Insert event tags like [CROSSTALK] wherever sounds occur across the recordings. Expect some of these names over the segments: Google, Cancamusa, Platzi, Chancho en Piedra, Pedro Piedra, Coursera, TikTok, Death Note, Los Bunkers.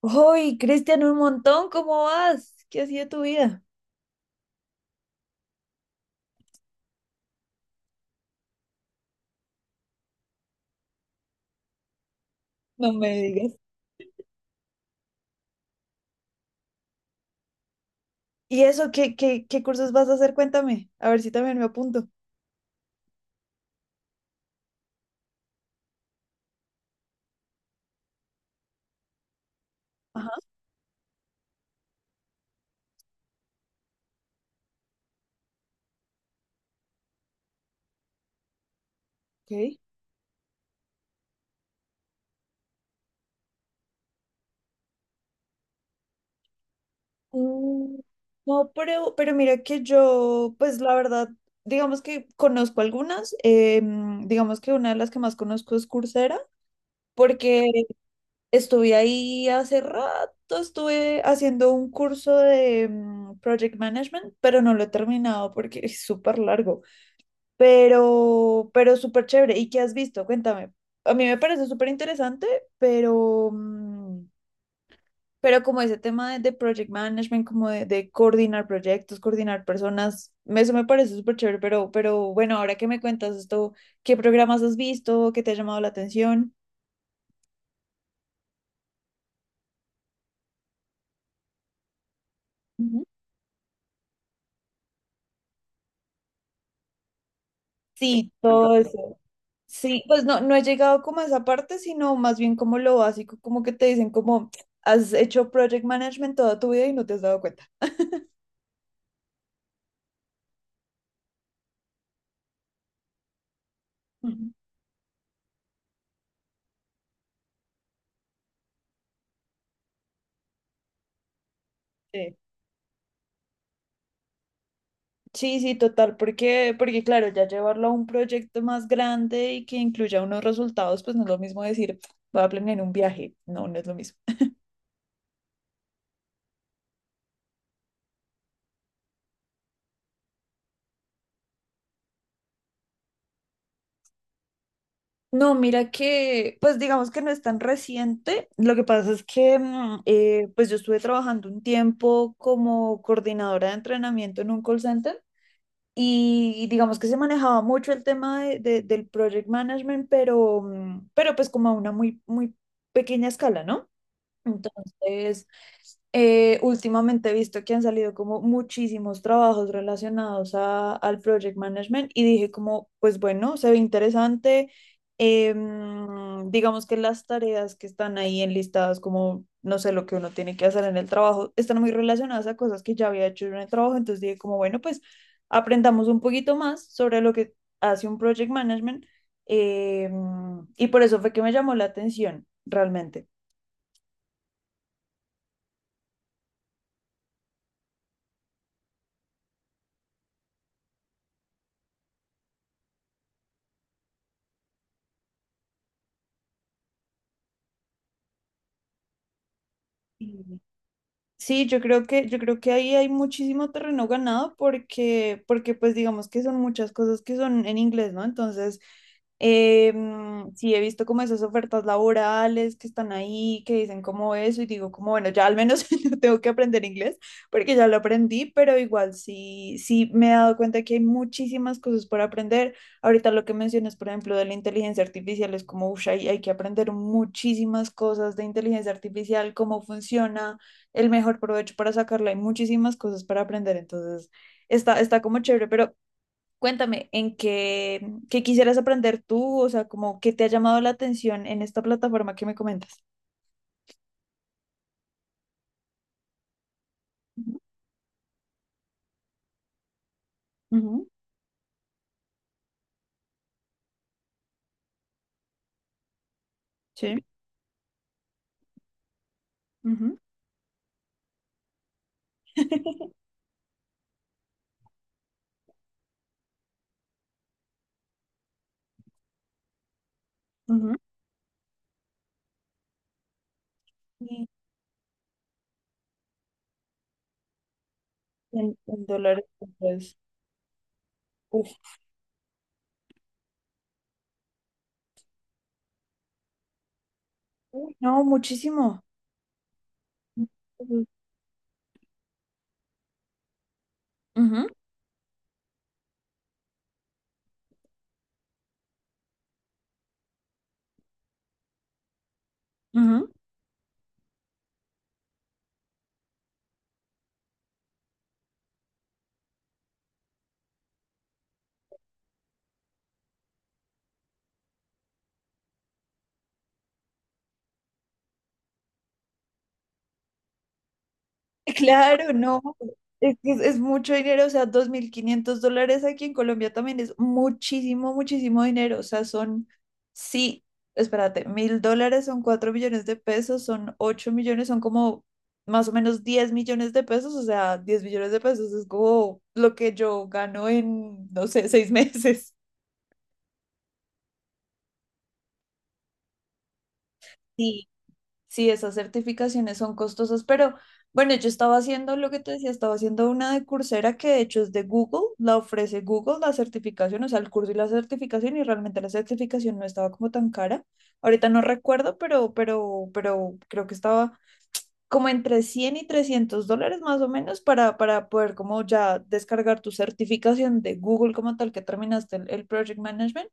¡Hoy, Cristian, un montón! ¿Cómo vas? ¿Qué ha sido tu vida? No me digas. ¿Y eso? ¿Qué cursos vas a hacer? Cuéntame, a ver si también me apunto. Ajá, ok. Mm, no, pero mira que yo, pues la verdad, digamos que conozco algunas, digamos que una de las que más conozco es Coursera, porque estuve ahí hace rato, estuve haciendo un curso de Project Management, pero no lo he terminado porque es súper largo. Pero súper chévere. ¿Y qué has visto? Cuéntame. A mí me parece súper interesante, pero, mm, pero como ese tema de project management, como de coordinar proyectos, coordinar personas, eso me parece súper chévere, pero bueno, ahora que me cuentas esto, ¿qué programas has visto? ¿Qué te ha llamado la atención? Ujú. Sí, todo eso. Sí, pues no, no he llegado como a esa parte, sino más bien como lo básico, como que te dicen como has hecho project management toda tu vida y no te has dado cuenta. [LAUGHS] Ujú. Sí. Sí, sí, total, porque, porque claro, ya llevarlo a un proyecto más grande y que incluya unos resultados, pues no es lo mismo decir, voy a planear un viaje, no, no es lo mismo. No, mira que, pues digamos que no es tan reciente, lo que pasa es que, pues yo estuve trabajando un tiempo como coordinadora de entrenamiento en un call center y digamos que se manejaba mucho el tema del project management, pero pues como a una muy, muy pequeña escala, ¿no? Entonces, últimamente he visto que han salido como muchísimos trabajos relacionados al project management y dije como, pues bueno, se ve interesante. Digamos que las tareas que están ahí enlistadas como, no sé, lo que uno tiene que hacer en el trabajo, están muy relacionadas a cosas que ya había hecho yo en el trabajo. Entonces dije como, bueno, pues aprendamos un poquito más sobre lo que hace un project management. Y por eso fue que me llamó la atención realmente. Sí. Sí, yo creo que ahí hay muchísimo terreno ganado porque, porque pues digamos que son muchas cosas que son en inglés, ¿no? Entonces, sí he visto como esas ofertas laborales que están ahí, que dicen como eso, y digo como, bueno, ya al menos [LAUGHS] no tengo que aprender inglés porque ya lo aprendí, pero igual sí, sí me he dado cuenta que hay muchísimas cosas por aprender. Ahorita lo que mencionas, por ejemplo, de la inteligencia artificial es como, uff, hay que aprender muchísimas cosas de inteligencia artificial, cómo funciona el mejor provecho para sacarla. Hay muchísimas cosas para aprender, entonces está como chévere, pero cuéntame, ¿en qué quisieras aprender tú? O sea, como qué te ha llamado la atención en esta plataforma que me comentas. Ujú, ujú. Sí. Ujú. [LAUGHS] Ujú. Y en dólares, pues, uf, uy, no, muchísimo. Ujú, ujú, ujú. [LAUGHS] Claro, no, es que es mucho dinero, o sea, $2.500 aquí en Colombia también es muchísimo, muchísimo dinero, o sea, son, sí, espérate, $1.000 son 4 millones de pesos, son 8 millones, son como más o menos 10 millones de pesos, o sea, 10 millones de pesos es como lo que yo gano en, no sé, 6 [LAUGHS] meses. Sí. Sí, esas certificaciones son costosas, pero bueno, yo estaba haciendo lo que te decía, estaba haciendo una de Coursera que de hecho es de Google, la ofrece Google, la certificación, o sea, el curso y la certificación, y realmente la certificación no estaba como tan cara. Ahorita no recuerdo, pero creo que estaba como entre 100 y $300 más o menos para, poder como ya descargar tu certificación de Google como tal que terminaste el Project Management.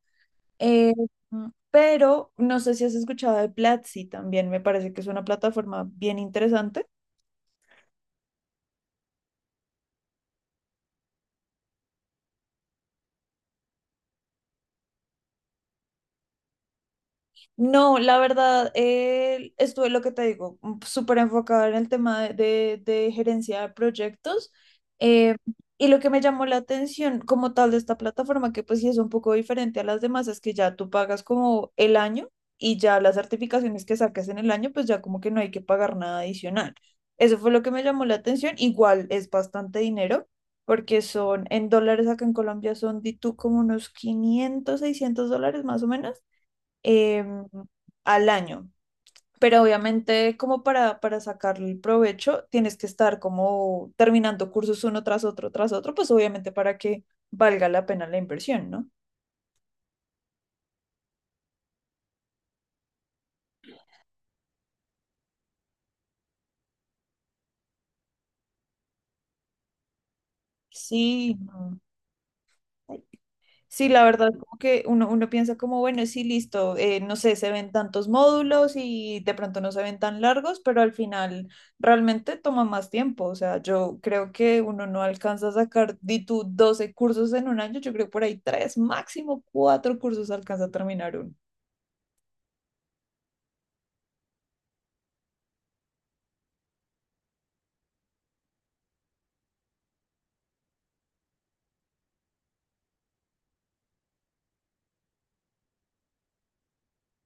eh, pero no sé si has escuchado de Platzi también, me parece que es una plataforma bien interesante. No, la verdad, estuve lo que te digo, súper enfocada en el tema de gerencia de proyectos. eh, y lo que me llamó la atención como tal de esta plataforma, que pues sí es un poco diferente a las demás, es que ya tú pagas como el año y ya las certificaciones que saques en el año, pues ya como que no hay que pagar nada adicional. Eso fue lo que me llamó la atención. Igual es bastante dinero, porque son en dólares acá en Colombia son, di tú, como unos $500, $600 más o menos em, al año. Pero obviamente como para sacarle el provecho, tienes que estar como terminando cursos uno tras otro, pues obviamente para que valga la pena la inversión, ¿no? Sí. Mm. Sí, la verdad, como que uno piensa como, bueno, sí, listo, no sé, se ven tantos módulos y de pronto no se ven tan largos, pero al final realmente toma más tiempo. O sea, yo creo que uno no alcanza a sacar, di tú, 12 cursos en un año, yo creo por ahí tres, máximo cuatro cursos alcanza a terminar uno.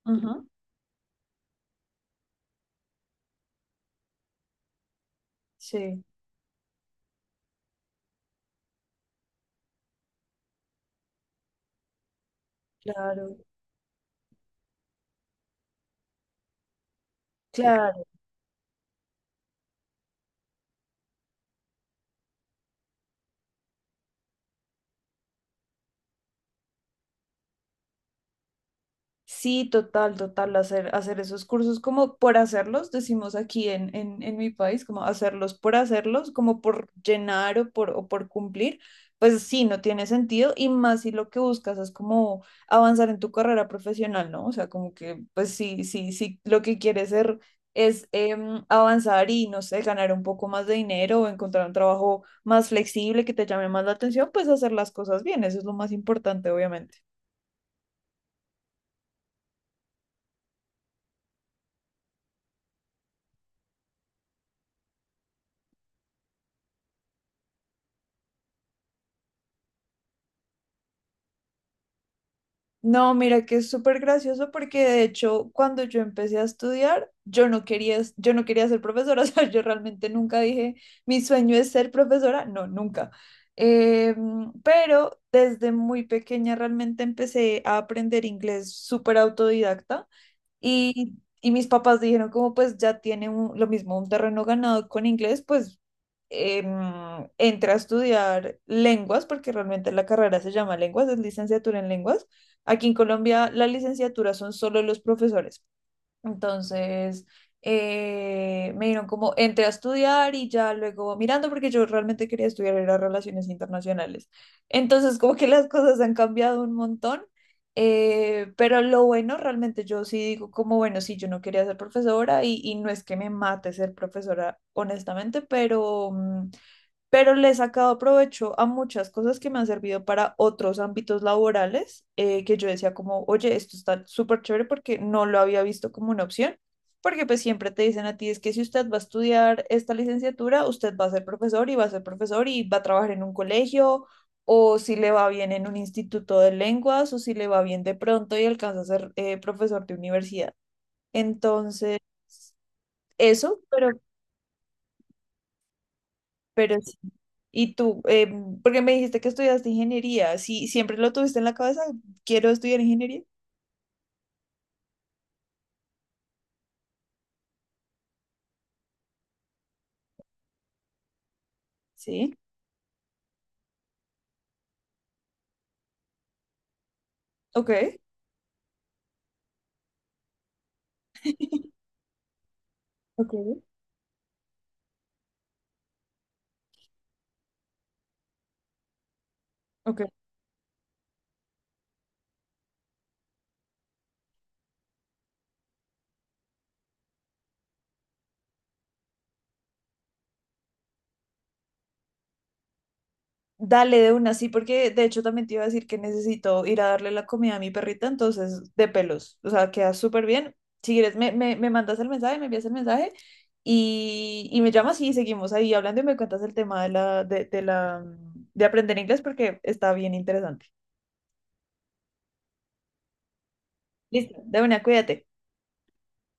Ujú. Sí, claro, claro. Sí, total, total, hacer esos cursos como por hacerlos, decimos aquí en mi país, como hacerlos por hacerlos, como por llenar o o por cumplir, pues sí, no tiene sentido y más si lo que buscas es como avanzar en tu carrera profesional, ¿no? O sea, como que, pues sí, sí, sí, lo que quieres ser es avanzar y, no sé, ganar un poco más de dinero o encontrar un trabajo más flexible que te llame más la atención, pues hacer las cosas bien, eso es lo más importante, obviamente. No, mira que es súper gracioso porque de hecho cuando yo empecé a estudiar, yo no quería, yo no quería ser profesora, [LAUGHS] o sea, yo realmente nunca dije, mi sueño es ser profesora, no, nunca. Eh, pero desde muy pequeña realmente empecé a aprender inglés súper autodidacta. Y mis papás dijeron como pues ya tiene lo mismo un terreno ganado con inglés, pues entra a estudiar lenguas, porque realmente la carrera se llama lenguas, es licenciatura en lenguas. Aquí en Colombia la licenciatura son solo los profesores. Entonces, me dieron como, entré a estudiar y ya luego mirando, porque yo realmente quería estudiar era relaciones internacionales. Entonces, como que las cosas han cambiado un montón, pero lo bueno, realmente yo sí digo como, bueno, sí, yo no quería ser profesora y no es que me mate ser profesora, honestamente, pero le he sacado provecho a muchas cosas que me han servido para otros ámbitos laborales, que yo decía como, oye, esto está súper chévere porque no lo había visto como una opción, porque pues siempre te dicen a ti, es que si usted va a estudiar esta licenciatura, usted va a ser profesor y va a ser profesor y va a trabajar en un colegio, o si le va bien en un instituto de lenguas, o si le va bien de pronto y alcanza a ser profesor de universidad. Entonces, eso, pero sí. Y tú, porque me dijiste que estudiaste ingeniería, ¿sí siempre lo tuviste en la cabeza? ¿Quiero estudiar ingeniería? Sí. Ok. [LAUGHS] Ok, ok. Dale de una, sí, porque de hecho también te iba a decir que necesito ir a darle la comida a mi perrita, entonces de pelos. O sea, queda súper bien. Si quieres, me mandas el mensaje, me envías el mensaje y me llamas y seguimos ahí hablando y me cuentas el tema de aprender inglés porque está bien interesante. Listo, de una, cuídate.